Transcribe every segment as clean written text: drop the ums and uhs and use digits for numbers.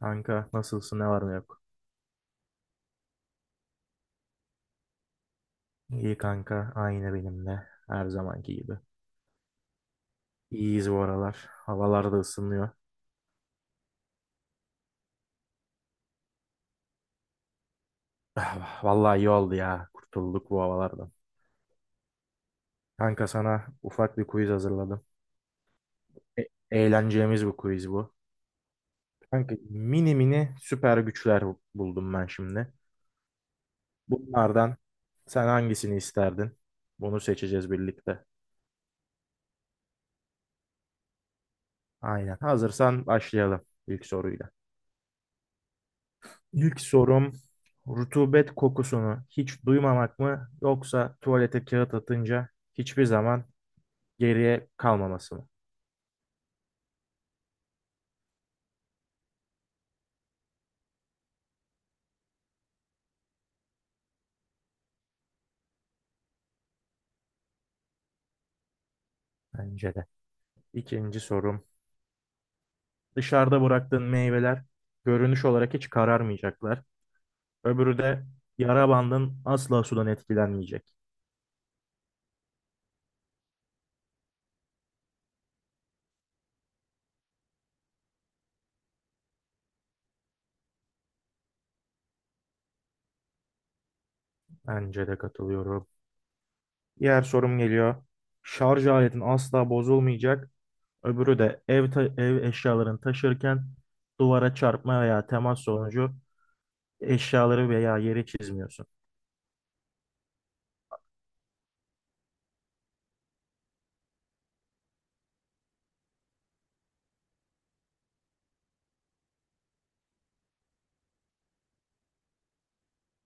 Kanka nasılsın ne var ne yok? İyi kanka aynı benim de her zamanki gibi. İyiyiz bu aralar. Havalar da ısınıyor. Ah, vallahi iyi oldu ya, kurtulduk bu havalardan. Kanka sana ufak bir quiz hazırladım. E Eğleneceğimiz bir quiz bu. Kanka mini mini süper güçler buldum ben şimdi. Bunlardan sen hangisini isterdin? Bunu seçeceğiz birlikte. Aynen, hazırsan başlayalım ilk soruyla. İlk sorum, rutubet kokusunu hiç duymamak mı yoksa tuvalete kağıt atınca hiçbir zaman geriye kalmaması mı? Bence de. İkinci sorum, dışarıda bıraktığın meyveler görünüş olarak hiç kararmayacaklar. Öbürü de yara bandın asla sudan etkilenmeyecek. Bence de, katılıyorum. Diğer sorum geliyor. Şarj aletin asla bozulmayacak. Öbürü de ev eşyalarını taşırken duvara çarpma veya temas sonucu eşyaları veya yeri çizmiyorsun.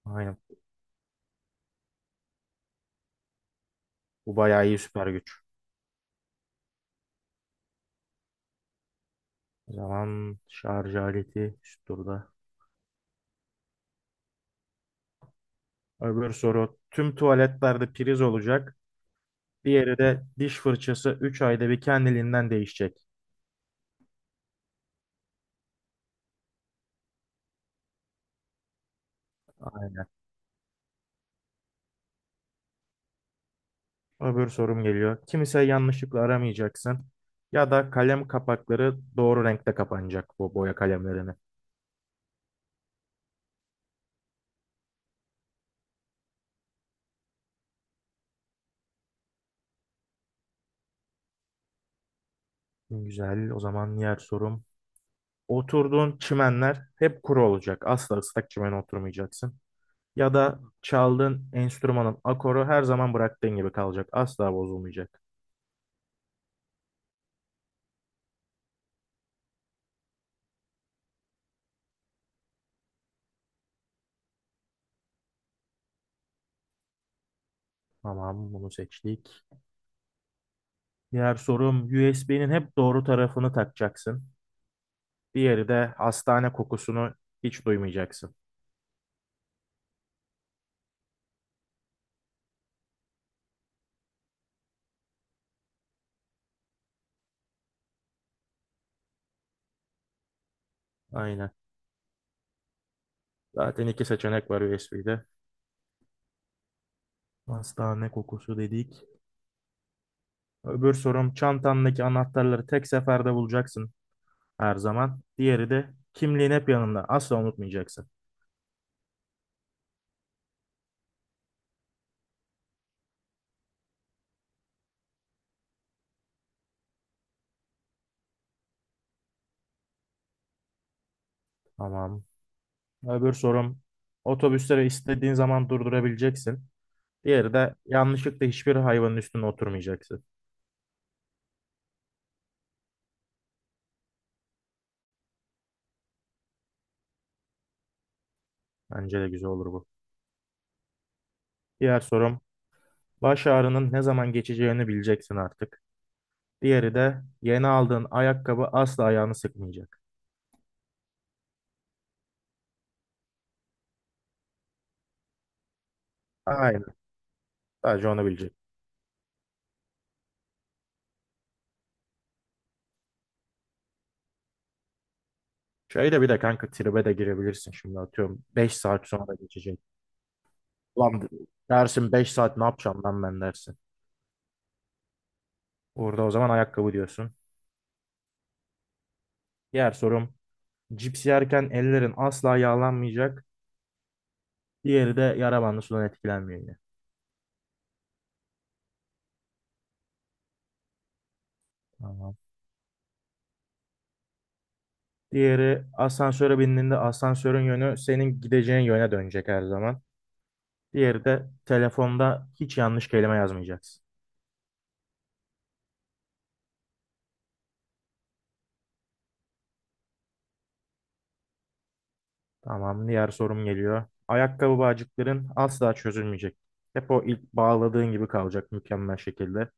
Aynen. Bu bayağı iyi süper güç. O zaman şarj aleti üst turda. Öbür soru. Tüm tuvaletlerde priz olacak. Diğeri de diş fırçası 3 ayda bir kendiliğinden değişecek. Aynen. Öbür sorum geliyor. Kimse yanlışlıkla aramayacaksın. Ya da kalem kapakları doğru renkte kapanacak bu boya kalemlerini. Güzel. O zaman diğer sorum. Oturduğun çimenler hep kuru olacak. Asla ıslak çimene oturmayacaksın. Ya da çaldığın enstrümanın akoru her zaman bıraktığın gibi kalacak. Asla bozulmayacak. Tamam, bunu seçtik. Diğer sorum, USB'nin hep doğru tarafını takacaksın. Diğeri de hastane kokusunu hiç duymayacaksın. Aynen. Zaten iki seçenek var USB'de. Hastane kokusu dedik. Öbür sorum, çantandaki anahtarları tek seferde bulacaksın her zaman. Diğeri de kimliğin hep yanında. Asla unutmayacaksın. Tamam. Öbür sorum, otobüsleri istediğin zaman durdurabileceksin. Diğeri de yanlışlıkla hiçbir hayvanın üstüne oturmayacaksın. Bence de güzel olur bu. Diğer sorum, baş ağrının ne zaman geçeceğini bileceksin artık. Diğeri de yeni aldığın ayakkabı asla ayağını sıkmayacak. Aynen. Sadece onu bilecek. Şöyle bir de kanka, tribe de girebilirsin şimdi, atıyorum 5 saat sonra geçecek. Lan dersin, 5 saat ne yapacağım lan ben dersin. Orada o zaman ayakkabı diyorsun. Diğer sorum, cips yerken ellerin asla yağlanmayacak. Diğeri de yara bandı sudan etkilenmiyor yine. Tamam. Diğeri, asansöre bindiğinde asansörün yönü senin gideceğin yöne dönecek her zaman. Diğeri de telefonda hiç yanlış kelime yazmayacaksın. Tamam, diğer sorum geliyor. Ayakkabı bağcıkların asla çözülmeyecek. Hep o ilk bağladığın gibi kalacak, mükemmel şekilde.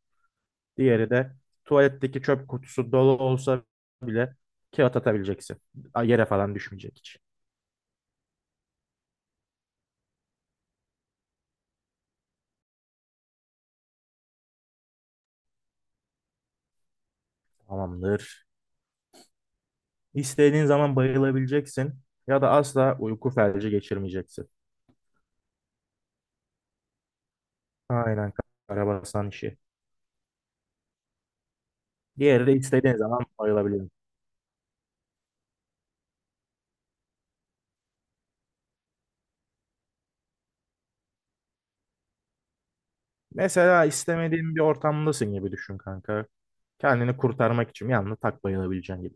Diğeri de tuvaletteki çöp kutusu dolu olsa bile kağıt atabileceksin. Yere falan düşmeyecek hiç. Tamamdır. İstediğin zaman bayılabileceksin ya da asla uyku felci geçirmeyeceksin. Aynen, karabasan işi. Diğeri de istediğin zaman ayrılabiliyor. Mesela istemediğin bir ortamdasın gibi düşün kanka. Kendini kurtarmak için yalnız tak bayılabileceğin gibi.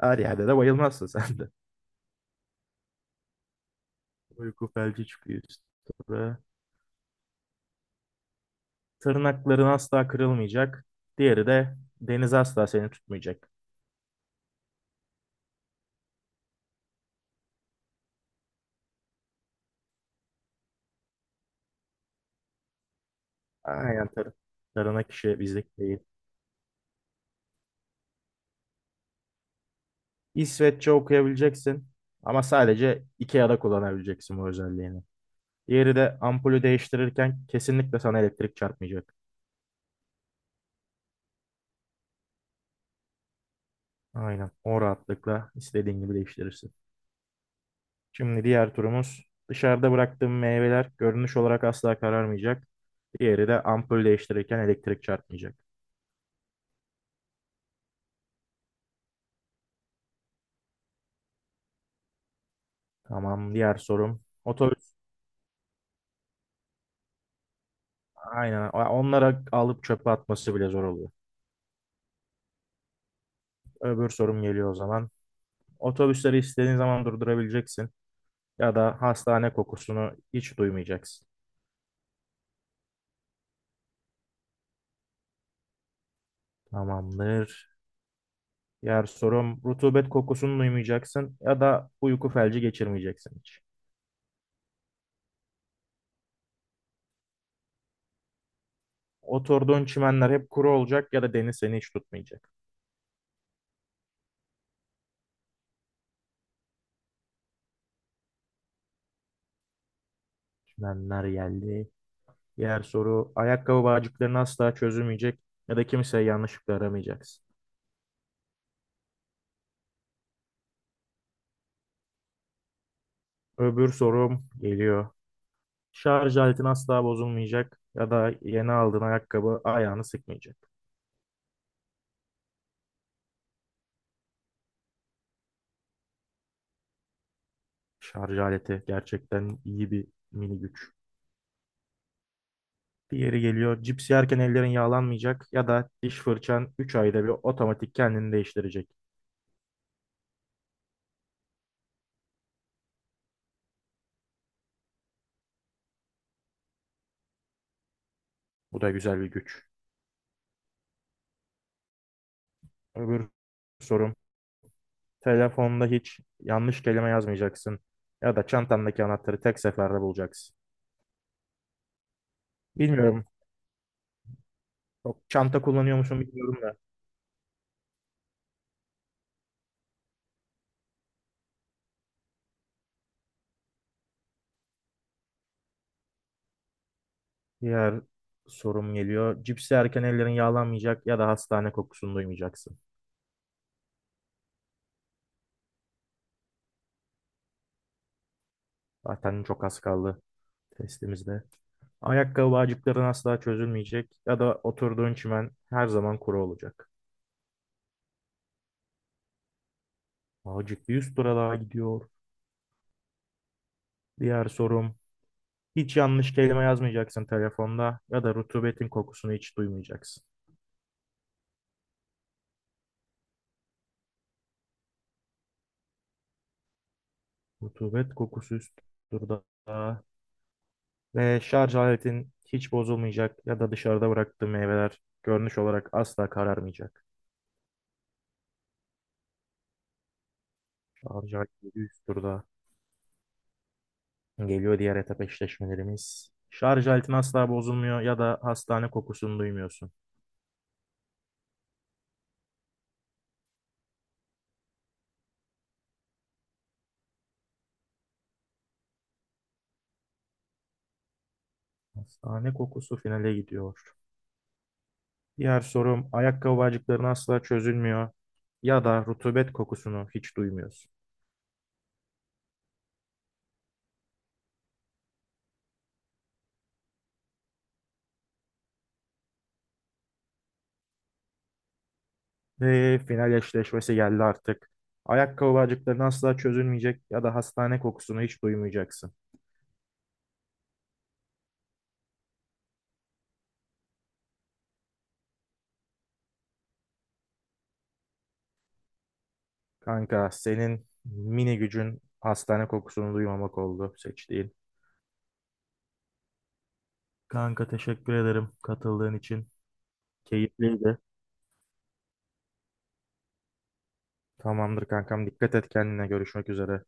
Her yerde de bayılmazsın sen de. Uyku felci çıkıyor üstüne. Tırnakların asla kırılmayacak. Diğeri de deniz asla seni tutmayacak. Aynen. Tırnak işi bizlik değil. İsveççe okuyabileceksin. Ama sadece IKEA'da kullanabileceksin bu özelliğini. Diğeri de ampulü değiştirirken kesinlikle sana elektrik çarpmayacak. Aynen. O rahatlıkla istediğin gibi değiştirirsin. Şimdi diğer turumuz, dışarıda bıraktığım meyveler görünüş olarak asla kararmayacak. Diğeri de ampul değiştirirken elektrik çarpmayacak. Tamam. Diğer sorum otobüs. Aynen. Onlara alıp çöpe atması bile zor oluyor. Öbür sorum geliyor o zaman. Otobüsleri istediğin zaman durdurabileceksin ya da hastane kokusunu hiç duymayacaksın. Tamamdır. Diğer sorum, rutubet kokusunu duymayacaksın ya da uyku felci geçirmeyeceksin hiç. Oturduğun çimenler hep kuru olacak ya da deniz seni hiç tutmayacak. Çimenler geldi. Diğer soru, ayakkabı bağcıklarını asla çözülmeyecek ya da kimseye yanlışlıkla aramayacaksın. Öbür sorum geliyor. Şarj aletin asla bozulmayacak ya da yeni aldığın ayakkabı ayağını sıkmayacak. Şarj aleti gerçekten iyi bir mini güç. Diğeri geliyor. Cips yerken ellerin yağlanmayacak ya da diş fırçan 3 ayda bir otomatik kendini değiştirecek. Bu da güzel bir güç. Öbür sorum. Telefonda hiç yanlış kelime yazmayacaksın. Ya da çantandaki anahtarı tek seferde bulacaksın. Bilmiyorum. Çok çanta kullanıyor musun, bilmiyorum da. Diğer sorum geliyor. Cips yerken ellerin yağlanmayacak ya da hastane kokusunu duymayacaksın. Zaten çok az kaldı testimizde. Ayakkabı bağcıkların asla çözülmeyecek ya da oturduğun çimen her zaman kuru olacak. Bağcık bir yüz tura daha gidiyor. Diğer sorum. Hiç yanlış kelime yazmayacaksın telefonda ya da rutubetin kokusunu hiç duymayacaksın. Rutubet kokusu üst turda. Ve şarj aletin hiç bozulmayacak ya da dışarıda bıraktığı meyveler görünüş olarak asla kararmayacak. Şarj aleti üst turda. Geliyor diğer etap eşleşmelerimiz. Şarj aletin asla bozulmuyor ya da hastane kokusunu duymuyorsun. Hastane kokusu finale gidiyor. Diğer sorum, ayakkabı bağcıkların asla çözülmüyor ya da rutubet kokusunu hiç duymuyorsun. Ve final eşleşmesi geldi artık. Ayakkabı bağcıkların asla çözülmeyecek ya da hastane kokusunu hiç duymayacaksın. Kanka, senin mini gücün hastane kokusunu duymamak oldu seçtiğin. Kanka teşekkür ederim katıldığın için. Keyifliydi. Tamamdır kankam, dikkat et kendine, görüşmek üzere.